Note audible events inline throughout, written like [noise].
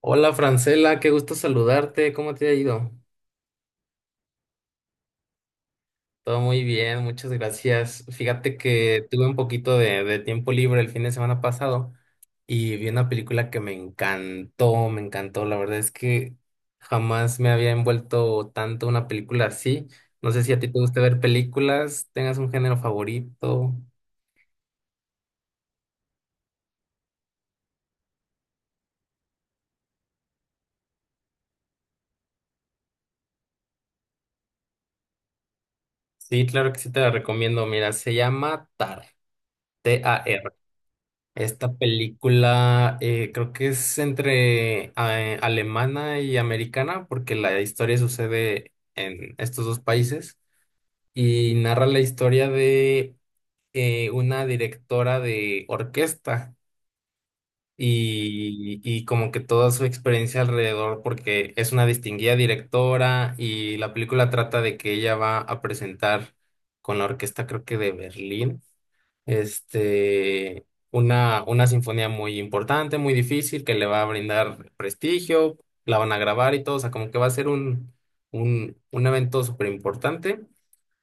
Hola Francela, qué gusto saludarte. ¿Cómo te ha ido? Todo muy bien, muchas gracias. Fíjate que tuve un poquito de tiempo libre el fin de semana pasado y vi una película que me encantó, me encantó. La verdad es que jamás me había envuelto tanto una película así. No sé si a ti te gusta ver películas, tengas un género favorito. Sí, claro que sí te la recomiendo. Mira, se llama TAR, TAR. Esta película, creo que es entre, alemana y americana, porque la historia sucede en estos dos países y narra la historia de, una directora de orquesta, y como que toda su experiencia alrededor, porque es una distinguida directora y la película trata de que ella va a presentar con la orquesta, creo que de Berlín, este, una sinfonía muy importante, muy difícil, que le va a brindar prestigio. La van a grabar y todo, o sea, como que va a ser un evento súper importante,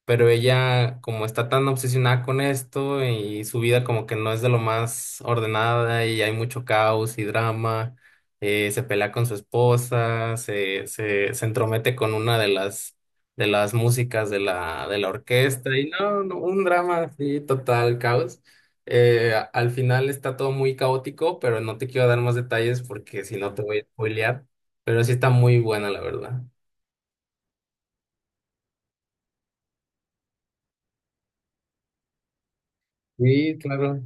pero ella como está tan obsesionada con esto y su vida como que no es de lo más ordenada y hay mucho caos y drama. Se pelea con su esposa, se entromete con una de las músicas de la orquesta y no, no, un drama así, total caos. Al final está todo muy caótico, pero no te quiero dar más detalles porque si no te voy a spoilear, pero sí está muy buena la verdad. Sí, claro.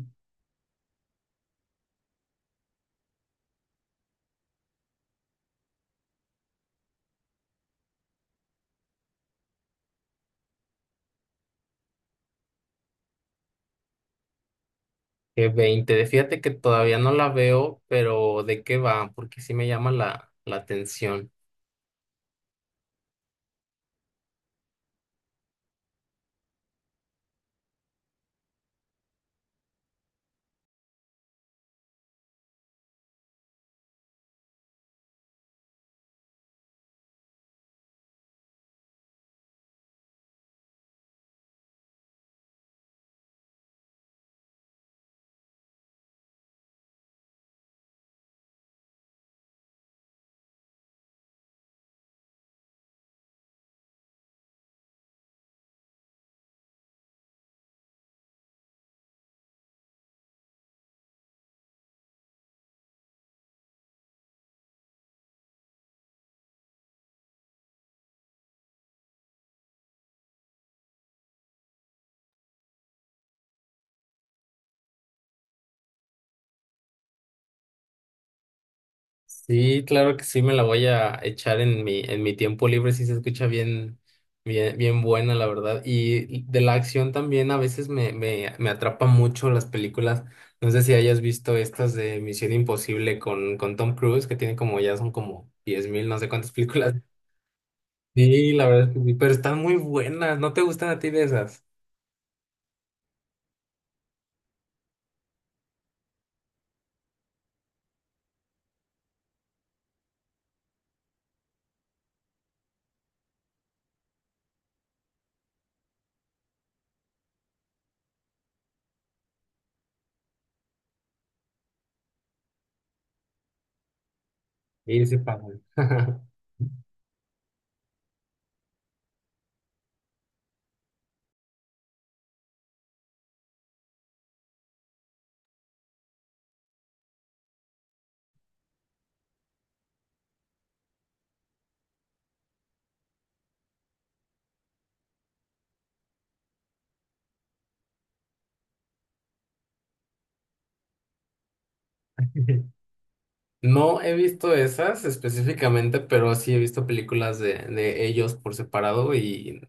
Que 20, fíjate que todavía no la veo, pero ¿de qué va? Porque sí me llama la atención. Sí, claro que sí me la voy a echar en mi tiempo libre, sí se escucha bien, bien, bien buena, la verdad. Y de la acción también a veces me atrapa mucho las películas. No sé si hayas visto estas de Misión Imposible con Tom Cruise, que tiene como, ya son como 10.000, no sé cuántas películas. Sí, la verdad es que sí, pero están muy buenas. ¿No te gustan a ti de esas? Sí, sí, pasan. [laughs] No he visto esas específicamente, pero sí he visto películas de ellos por separado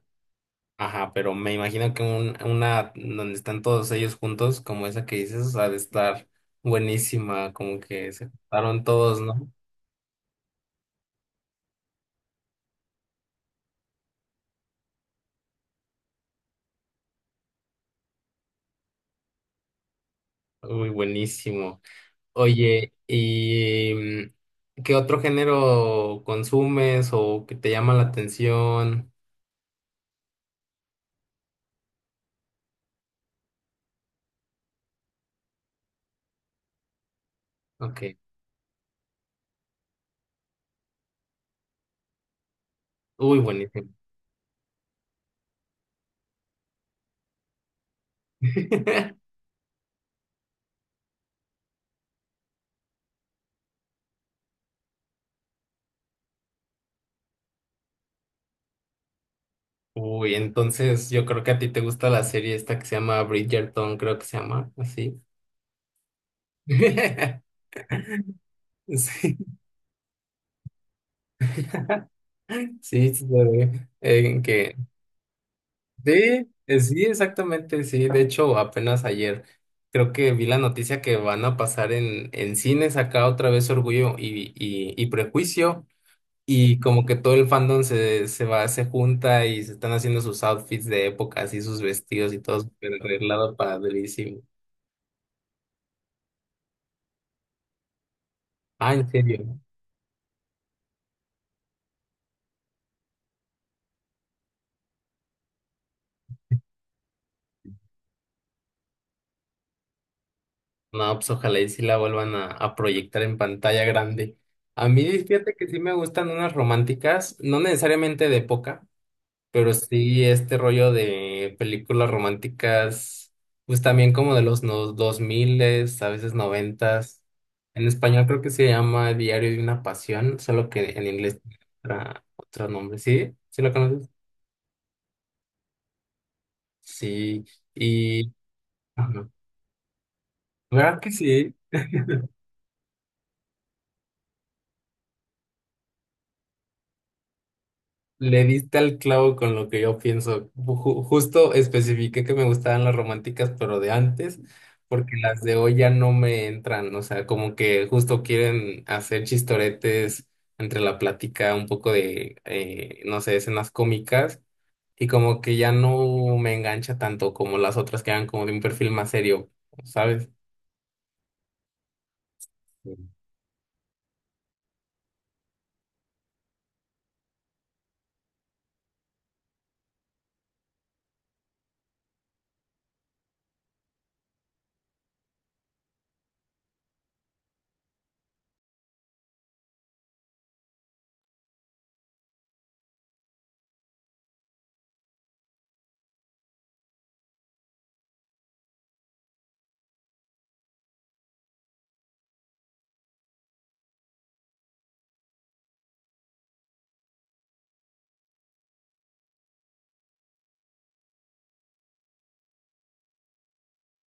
ajá, pero me imagino que una donde están todos ellos juntos, como esa que dices, ha de estar buenísima, como que se juntaron todos, ¿no? Uy, buenísimo. Oye, ¿y qué otro género consumes o que te llama la atención? Ok, uy, buenísimo. [laughs] Uy, entonces yo creo que a ti te gusta la serie esta que se llama Bridgerton, creo que se llama así. [laughs] Sí, sí, sí, se ve. Sí, sí, exactamente, sí. De hecho, apenas ayer creo que vi la noticia que van a pasar en, cines acá otra vez Orgullo y Prejuicio. Y como que todo el fandom se va, se junta y se están haciendo sus outfits de época, así sus vestidos y todo súper arreglado para durísimo. Ah, ¿en serio? No, pues ojalá y sí la vuelvan a proyectar en pantalla grande. A mí, fíjate que sí me gustan unas románticas, no necesariamente de época, pero sí este rollo de películas románticas, pues también como de los, no, 2000, a veces 90. En español creo que se llama Diario de una Pasión, solo que en inglés tiene otra, otro nombre. ¿Sí? ¿Sí lo conoces? Sí. Y... ajá. ¿Verdad que sí? Le diste al clavo con lo que yo pienso. Justo especifiqué que me gustaban las románticas, pero de antes, porque las de hoy ya no me entran. O sea, como que justo quieren hacer chistoretes entre la plática, un poco de, no sé, escenas cómicas, y como que ya no me engancha tanto como las otras, que eran como de un perfil más serio, ¿sabes? Sí.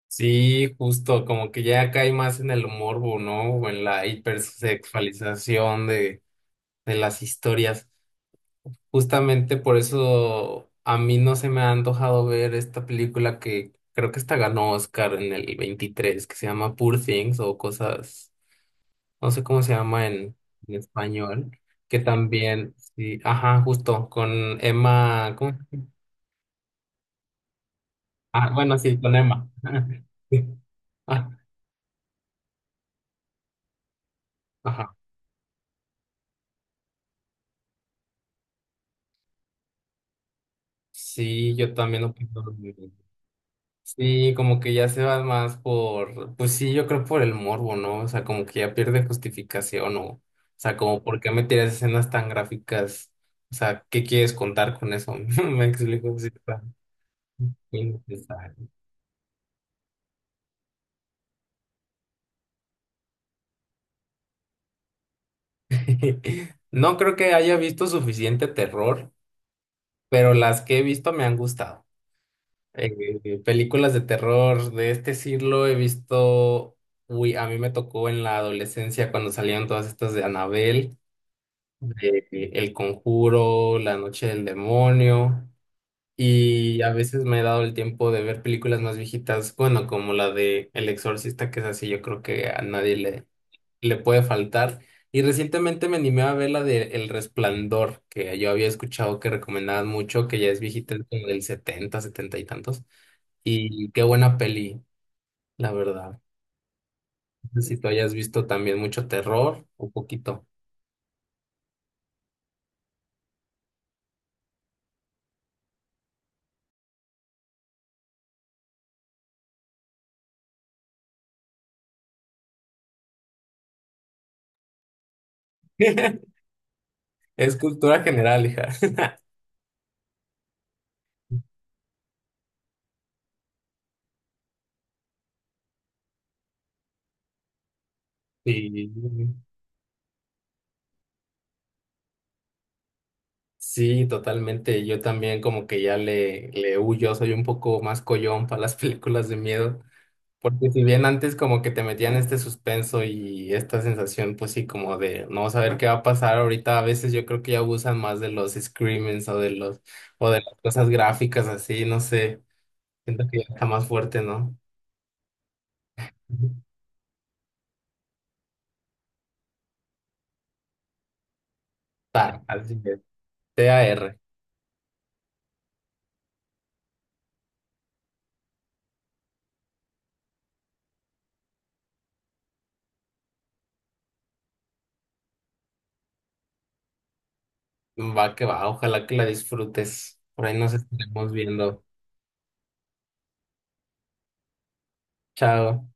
Sí, justo, como que ya cae más en el morbo, ¿no? O en la hipersexualización de las historias. Justamente por eso a mí no se me ha antojado ver esta película, que creo que esta ganó Oscar en el 23, que se llama Poor Things o cosas, no sé cómo se llama en español, que también, sí, ajá, justo con Emma, ¿cómo? Ah, bueno, sí, con Emma. [laughs] Sí. Ah, ajá. Sí, yo también opino. Sí, como que ya se va más por, pues sí, yo creo, por el morbo, ¿no? O sea, como que ya pierde justificación, o sea, como ¿por qué me tiras escenas tan gráficas? O sea, ¿qué quieres contar con eso? [laughs] Me explico, sí, está innecesario. [laughs] No creo que haya visto suficiente terror, pero las que he visto me han gustado. Películas de terror de este siglo he visto, uy, a mí me tocó en la adolescencia cuando salieron todas estas de Anabel, de El Conjuro, La Noche del Demonio, y a veces me he dado el tiempo de ver películas más viejitas, bueno, como la de El Exorcista, que es así, yo creo que a nadie le puede faltar. Y recientemente me animé a ver la de El Resplandor, que yo había escuchado que recomendaban mucho, que ya es viejita, es como del setenta y tantos. Y qué buena peli, la verdad. No sé si tú hayas visto también mucho terror, un poquito. [laughs] Es cultura general, hija. [laughs] Sí. Sí, totalmente. Yo también como que ya le huyo, soy un poco más collón para las [laughs] películas de miedo, porque si bien antes como que te metían este suspenso y esta sensación pues sí, como de no saber qué va a pasar, ahorita a veces yo creo que ya abusan más de los screamings, o de las cosas gráficas así, no sé, siento que ya está más fuerte, ¿no? Ujú. Ta, así es. TAR, va que va, ojalá que la disfrutes. Por ahí nos estaremos viendo. Chao.